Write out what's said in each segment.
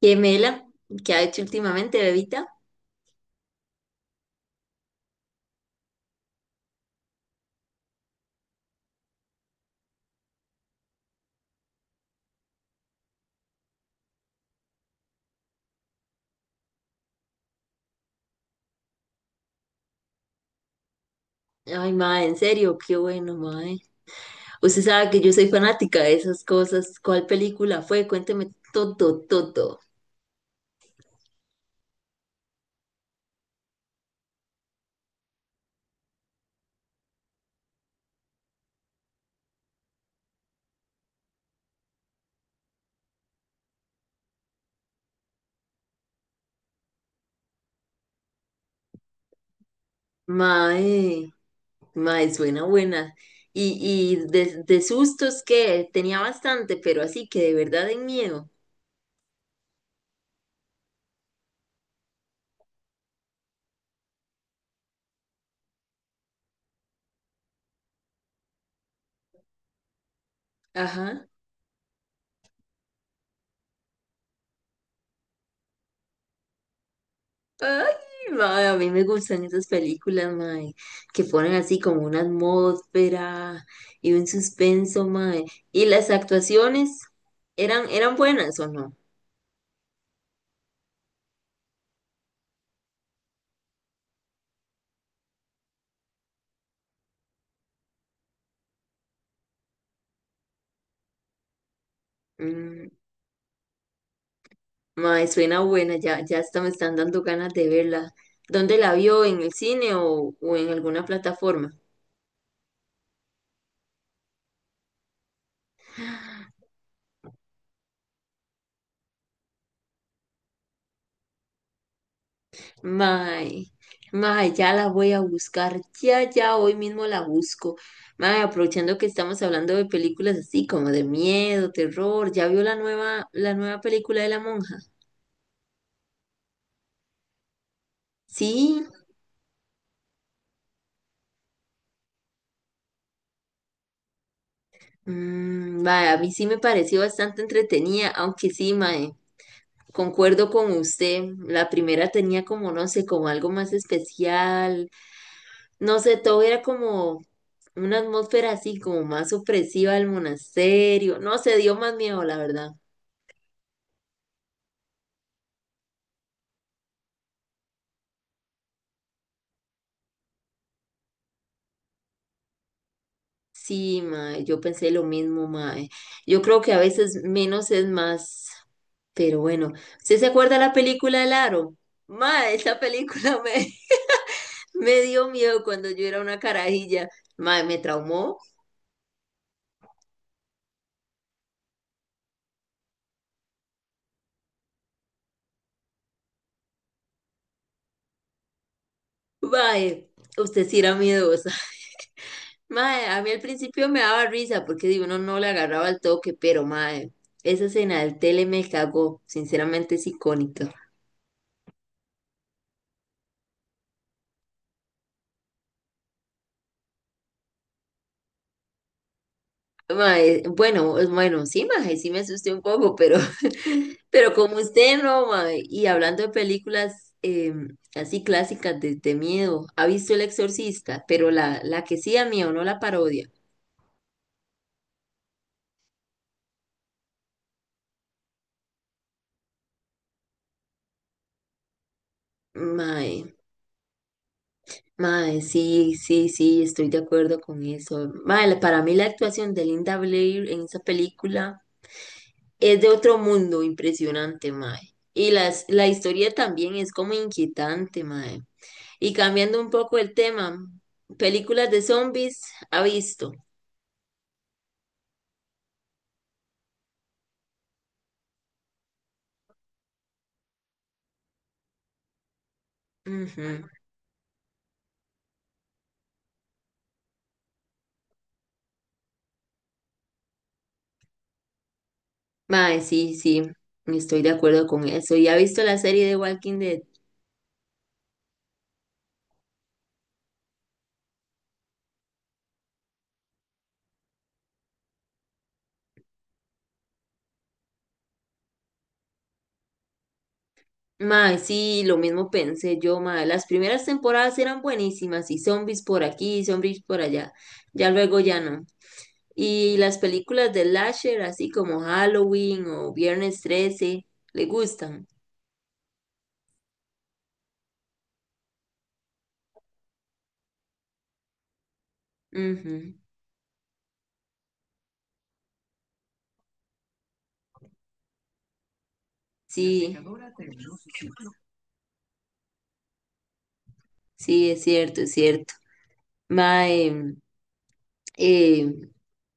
¿Qué mela? ¿Qué ha hecho últimamente, bebita? Ay, mae, en serio, qué bueno, mae. Usted sabe que yo soy fanática de esas cosas. ¿Cuál película fue? Cuénteme todo, todo. Mae, mae, suena buena. Y, y de sustos que tenía bastante, pero así que de verdad en miedo. Ajá. Ay, mae, a mí me gustan esas películas, mae, que ponen así como una atmósfera y un suspenso, mae. ¿Y las actuaciones eran buenas o no? Mm, mae, suena buena, ya, ya hasta me están dando ganas de verla. ¿Dónde la vio? ¿En el cine o en alguna plataforma? Mae, mae, ya la voy a buscar, ya, ya, hoy mismo la busco. Mae, aprovechando que estamos hablando de películas así como de miedo, terror, ¿ya vio la nueva película de la monja? Sí, mm, mae, a mí sí me pareció bastante entretenida, aunque sí, mae, concuerdo con usted, la primera tenía como, no sé, como algo más especial, no sé, todo era como... Una atmósfera así como más opresiva del monasterio. No sé, dio más miedo, la verdad. Sí, mae, yo pensé lo mismo, mae. Yo creo que a veces menos es más, pero bueno. ¿Usted se acuerda la película El Aro? Mae, esa película me, me dio miedo cuando yo era una carajilla. Mae, me traumó. Mae, usted sí era miedosa. Mae, a mí al principio me daba risa porque digo, uno no le agarraba el toque, pero mae, esa escena del tele me cagó. Sinceramente es icónica. Mae, bueno, bueno, sí, mae, sí me asusté un poco, pero, pero como usted no, mae. Y hablando de películas así clásicas de miedo, ¿ha visto El Exorcista? Pero la que sí da miedo, no la parodia. Mae, mae, sí, sí, sí, estoy de acuerdo con eso. Mae, para mí la actuación de Linda Blair en esa película es de otro mundo impresionante, mae. Y la historia también es como inquietante, mae. Y cambiando un poco el tema, películas de zombies ha visto. Ujú. Mae, sí, sí, estoy de acuerdo con eso. ¿Y ha visto la serie de Walking Dead? Mae, sí, lo mismo pensé yo, mae. Las primeras temporadas eran buenísimas y zombies por aquí, zombies por allá. Ya luego ya no. Y las películas de Lasher, así como Halloween o Viernes 13, le gustan. Ujú, sí, sí, es cierto, es cierto. Mae, eh,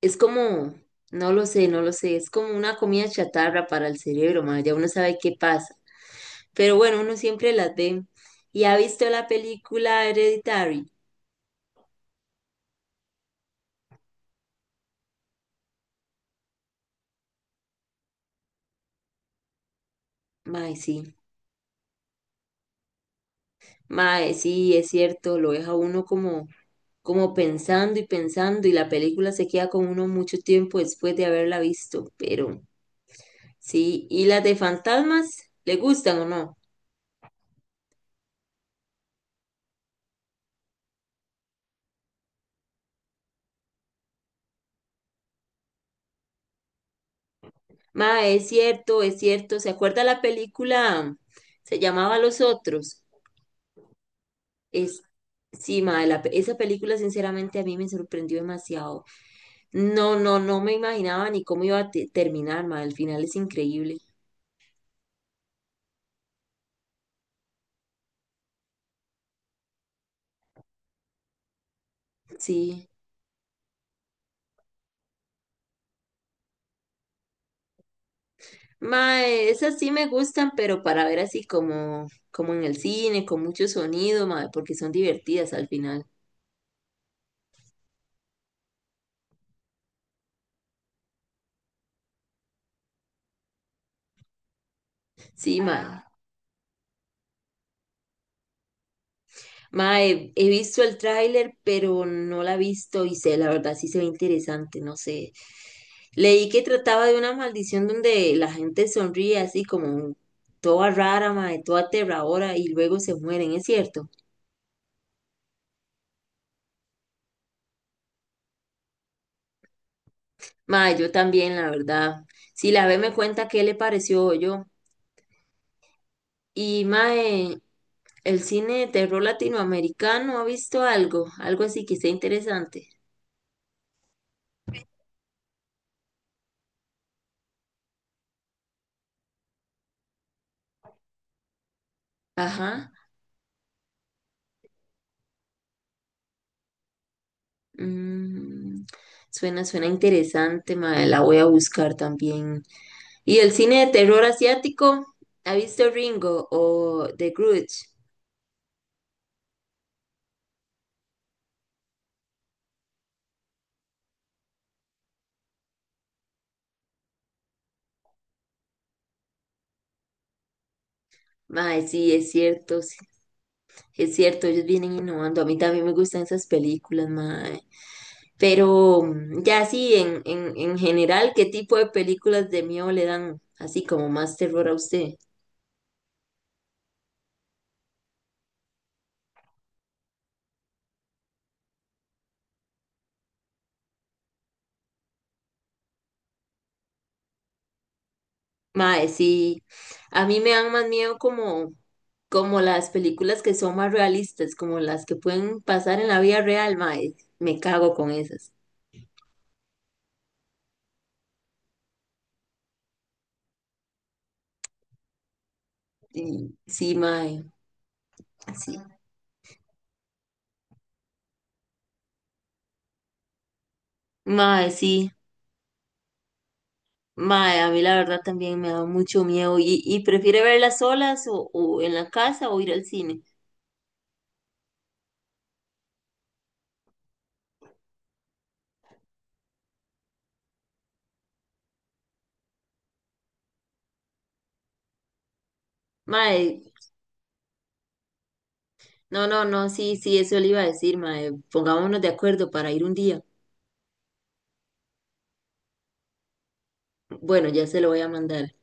es como, no lo sé, no lo sé, es como una comida chatarra para el cerebro, ma, ya uno sabe qué pasa. Pero bueno, uno siempre las ve. ¿Y ha visto la película Hereditary? Mae, sí. Mae, sí, es cierto, lo deja uno como, como pensando y pensando y la película se queda con uno mucho tiempo después de haberla visto, pero sí. ¿Y las de fantasmas? ¿Le gustan o no? Mae, es cierto, es cierto. ¿Se acuerda la película? Se llamaba Los Otros. Es, sí, mae, esa película sinceramente a mí me sorprendió demasiado. No, no, no me imaginaba ni cómo iba a terminar, mae, el final es increíble. Sí. Mae, esas sí me gustan, pero para ver así como, como en el cine, con mucho sonido, mae, porque son divertidas al final. Sí, mae. Mae, he visto el tráiler, pero no la he visto y sé, la verdad sí se ve interesante, no sé. Leí que trataba de una maldición donde la gente sonríe así como toda rara, mae, toda aterradora y luego se mueren, ¿es cierto? Mae, yo también, la verdad. Si la ve me cuenta qué le pareció yo. Y mae, el cine de terror latinoamericano ha visto algo, algo así que sea interesante. Ajá. Mm, suena, suena interesante, mae, la voy a buscar también. ¿Y el cine de terror asiático? ¿Ha visto Ringo o The Grudge? Mae, sí, es cierto, ellos vienen innovando. A mí también me gustan esas películas, mae. Pero mm, ya sí, en general, ¿qué tipo de películas de miedo le dan así como más terror a usted? Mae, sí. A mí me dan más miedo como, como las películas que son más realistas, como las que pueden pasar en la vida real, mae. Me cago con esas. Y, sí, mae. Sí. Mae, sí. Mae, a mí la verdad también me da mucho miedo. Y prefiere verlas solas o en la casa o ir al cine? Mae, no, no, no, sí, sí, eso le iba a decir, mae. Pongámonos de acuerdo para ir un día. Bueno, ya se lo voy a mandar.